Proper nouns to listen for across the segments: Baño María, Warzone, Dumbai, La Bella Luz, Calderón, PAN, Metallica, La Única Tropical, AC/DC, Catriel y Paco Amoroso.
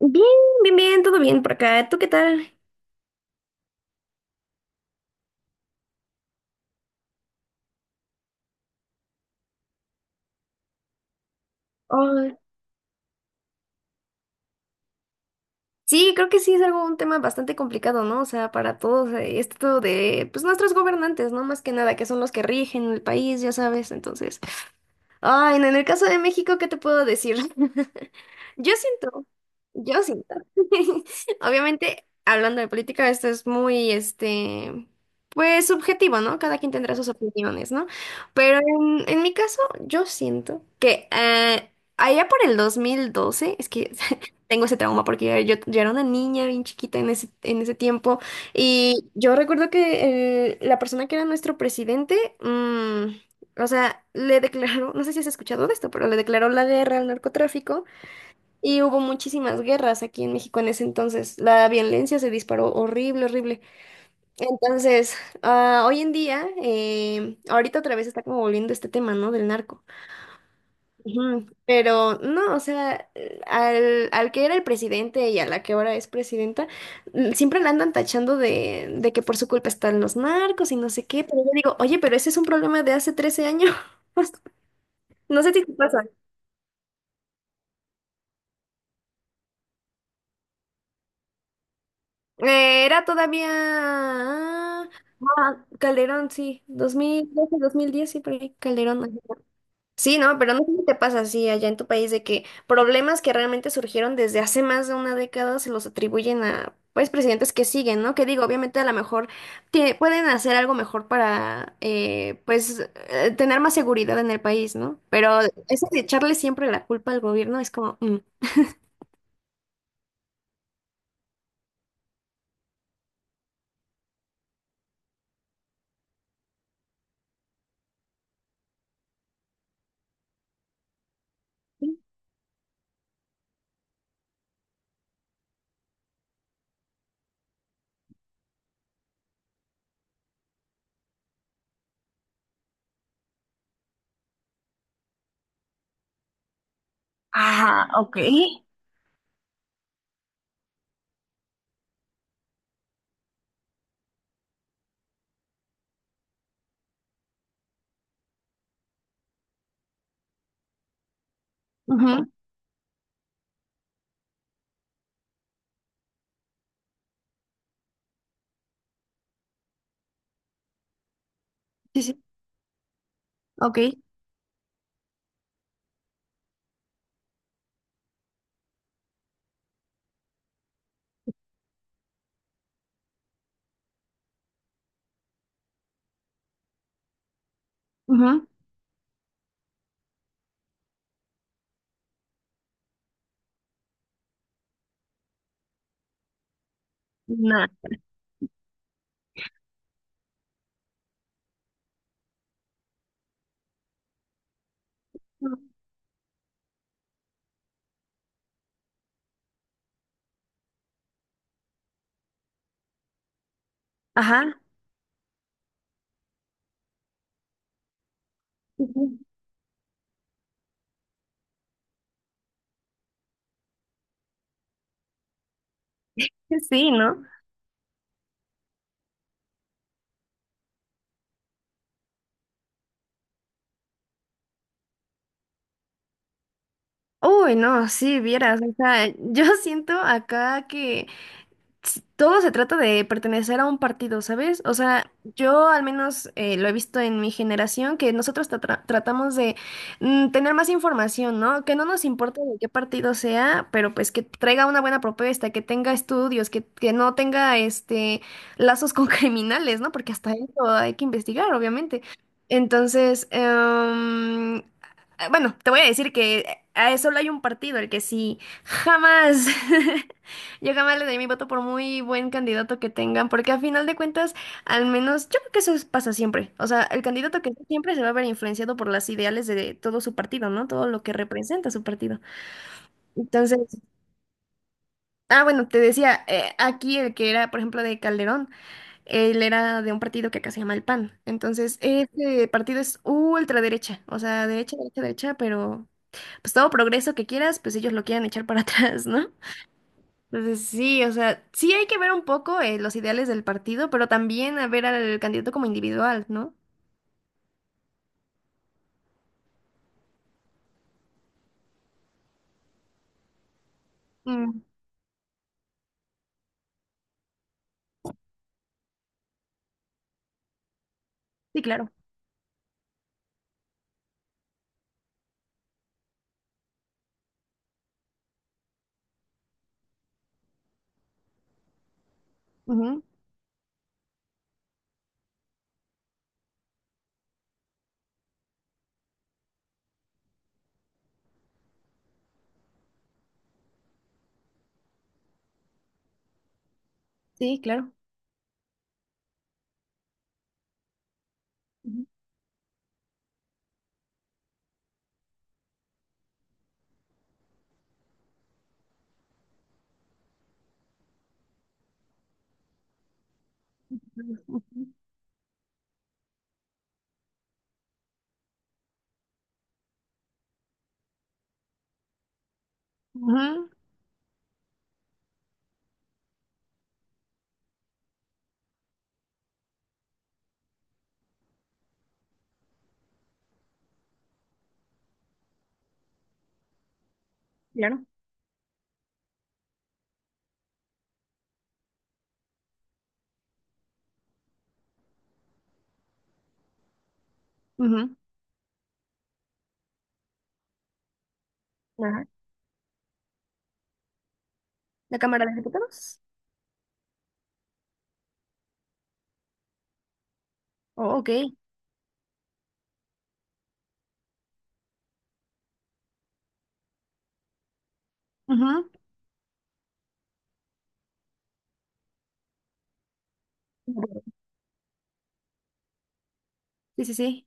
Bien, bien, bien, todo bien por acá. ¿Tú qué tal? Ay, sí, creo que sí es algo un tema bastante complicado, ¿no? O sea, para todos, esto de, pues nuestros gobernantes, ¿no? Más que nada, que son los que rigen el país, ya sabes. Entonces, ay, no, en el caso de México, ¿qué te puedo decir? Yo siento, yo siento. Obviamente, hablando de política, esto es muy, pues subjetivo, ¿no? Cada quien tendrá sus opiniones, ¿no? Pero en mi caso, yo siento que allá por el 2012 es que tengo ese trauma porque yo era una niña bien chiquita en ese tiempo y yo recuerdo que la persona que era nuestro presidente, mm, o sea, le declaró, no sé si has escuchado de esto, pero le declaró la guerra al narcotráfico y hubo muchísimas guerras aquí en México en ese entonces. La violencia se disparó horrible, horrible. Entonces, hoy en día, ahorita otra vez está como volviendo este tema, ¿no? Del narco. Ujú. Pero no, o sea, al que era el presidente y a la que ahora es presidenta, mm, siempre la andan tachando de que por su culpa están los narcos y no sé qué, pero yo digo, oye, pero ese es un problema de hace 13 años. No sé si te pasa. Era todavía Calderón, sí, 2012, 2010 sí, por ahí, Calderón. Ajá. Sí, no, pero no sé si te pasa así allá en tu país de que problemas que realmente surgieron desde hace más de una década se los atribuyen a, pues, presidentes que siguen, ¿no? Que digo, obviamente a lo mejor pueden hacer algo mejor para, pues, tener más seguridad en el país, ¿no? Pero eso de echarle siempre la culpa al gobierno es como, mm, ah, ok. Ujú, sí, sí, ok, ujú, ajá. Ujú. Sí, ¿no? Uy, no, sí, vieras, o sea, yo siento acá que todo se trata de pertenecer a un partido, ¿sabes? O sea, yo al menos lo he visto en mi generación, que nosotros tratamos de tener más información, ¿no? Que no nos importa de qué partido sea, pero pues que traiga una buena propuesta, que tenga estudios, que no tenga este lazos con criminales, ¿no? Porque hasta eso hay que investigar, obviamente. Entonces, bueno, te voy a decir que solo hay un partido, el que sí jamás yo jamás le doy mi voto por muy buen candidato que tengan, porque a final de cuentas, al menos yo creo que pasa siempre. O sea, el candidato que siempre se va a ver influenciado por las ideales de todo su partido, ¿no? Todo lo que representa su partido. Entonces, bueno, te decía, aquí el que era, por ejemplo, de Calderón, él era de un partido que acá se llama el PAN. Entonces, este partido es ultraderecha, o sea, derecha, derecha, derecha, pero pues todo progreso que quieras, pues ellos lo quieren echar para atrás, ¿no? Entonces, sí, o sea, sí hay que ver un poco los ideales del partido, pero también a ver al candidato como individual, ¿no? Mm, sí, claro. Ujú, sí, claro. Ujú. Ujú, ujú, claro. Ujú. Ajá. La Cámara de Diputados. Oh, ok. Ujú. Sí, sí, sí.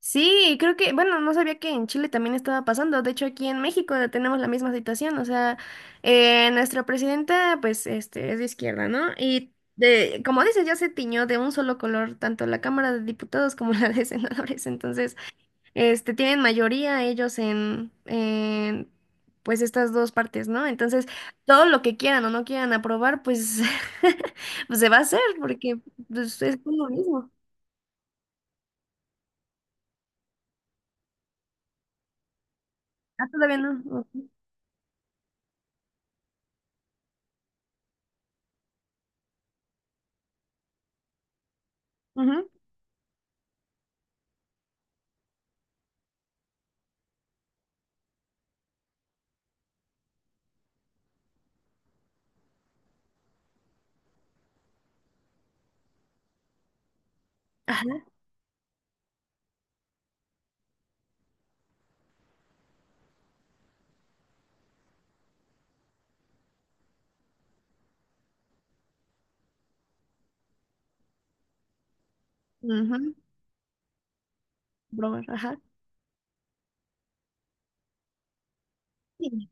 Sí, creo que, bueno, no sabía que en Chile también estaba pasando. De hecho, aquí en México tenemos la misma situación. O sea, nuestra presidenta, pues, es de izquierda, ¿no? Y de, como dices, ya se tiñó de un solo color, tanto la Cámara de Diputados como la de Senadores. Entonces, tienen mayoría ellos en pues, estas dos partes, ¿no? Entonces, todo lo que quieran o no quieran aprobar, pues, pues se va a hacer, porque pues, es lo mismo. Ah, todavía no. Ujú. Ujú. Ujú, broma, ajá. Sí,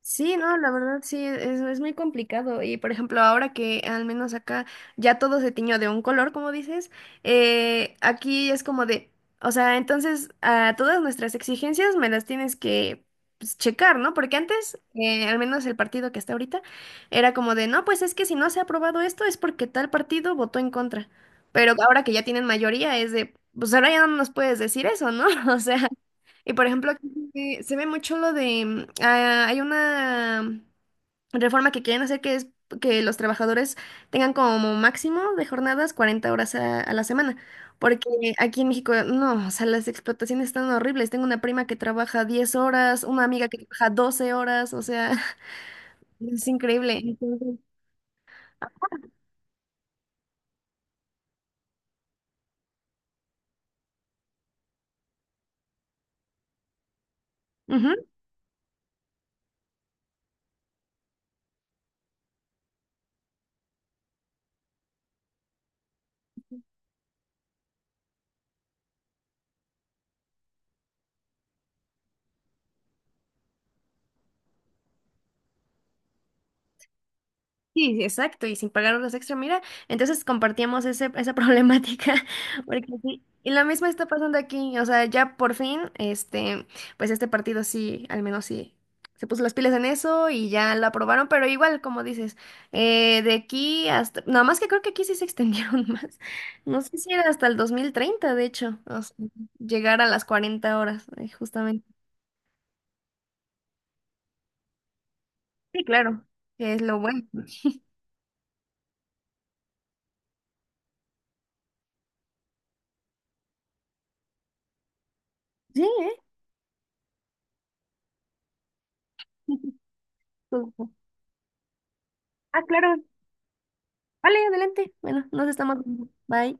sí, no, la verdad sí, es muy complicado. Y por ejemplo, ahora que al menos acá ya todo se tiñó de un color, como dices, aquí es como de, o sea, entonces a todas nuestras exigencias me las tienes que pues, checar, ¿no? Porque antes, al menos el partido que está ahorita, era como de, no, pues es que si no se ha aprobado esto es porque tal partido votó en contra. Pero ahora que ya tienen mayoría es de, pues ahora ya no nos puedes decir eso, ¿no? O sea. Y por ejemplo, aquí se ve mucho lo de, mm, ah, hay una reforma que quieren hacer que es que los trabajadores tengan como máximo de jornadas 40 horas a la semana, porque aquí en México, no, o sea, las explotaciones están horribles. Tengo una prima que trabaja 10 horas, una amiga que trabaja 12 horas, o sea, es increíble. Entonces, ujú. Sí, sí, exacto, y sin pagar horas extra, mira, entonces compartíamos ese, esa problemática, porque sí, y la misma está pasando aquí, o sea, ya por fin, pues este partido sí, al menos sí, se puso las pilas en eso y ya lo aprobaron, pero igual, como dices, de aquí hasta, nada más que creo que aquí sí se extendieron más, no sé si era hasta el 2030 de hecho, o sea, llegar a las 40 horas, justamente. Sí, claro, que es lo bueno. Sí, ¿eh? Ah, claro. Vale, adelante. Bueno, nos estamos viendo. Bye.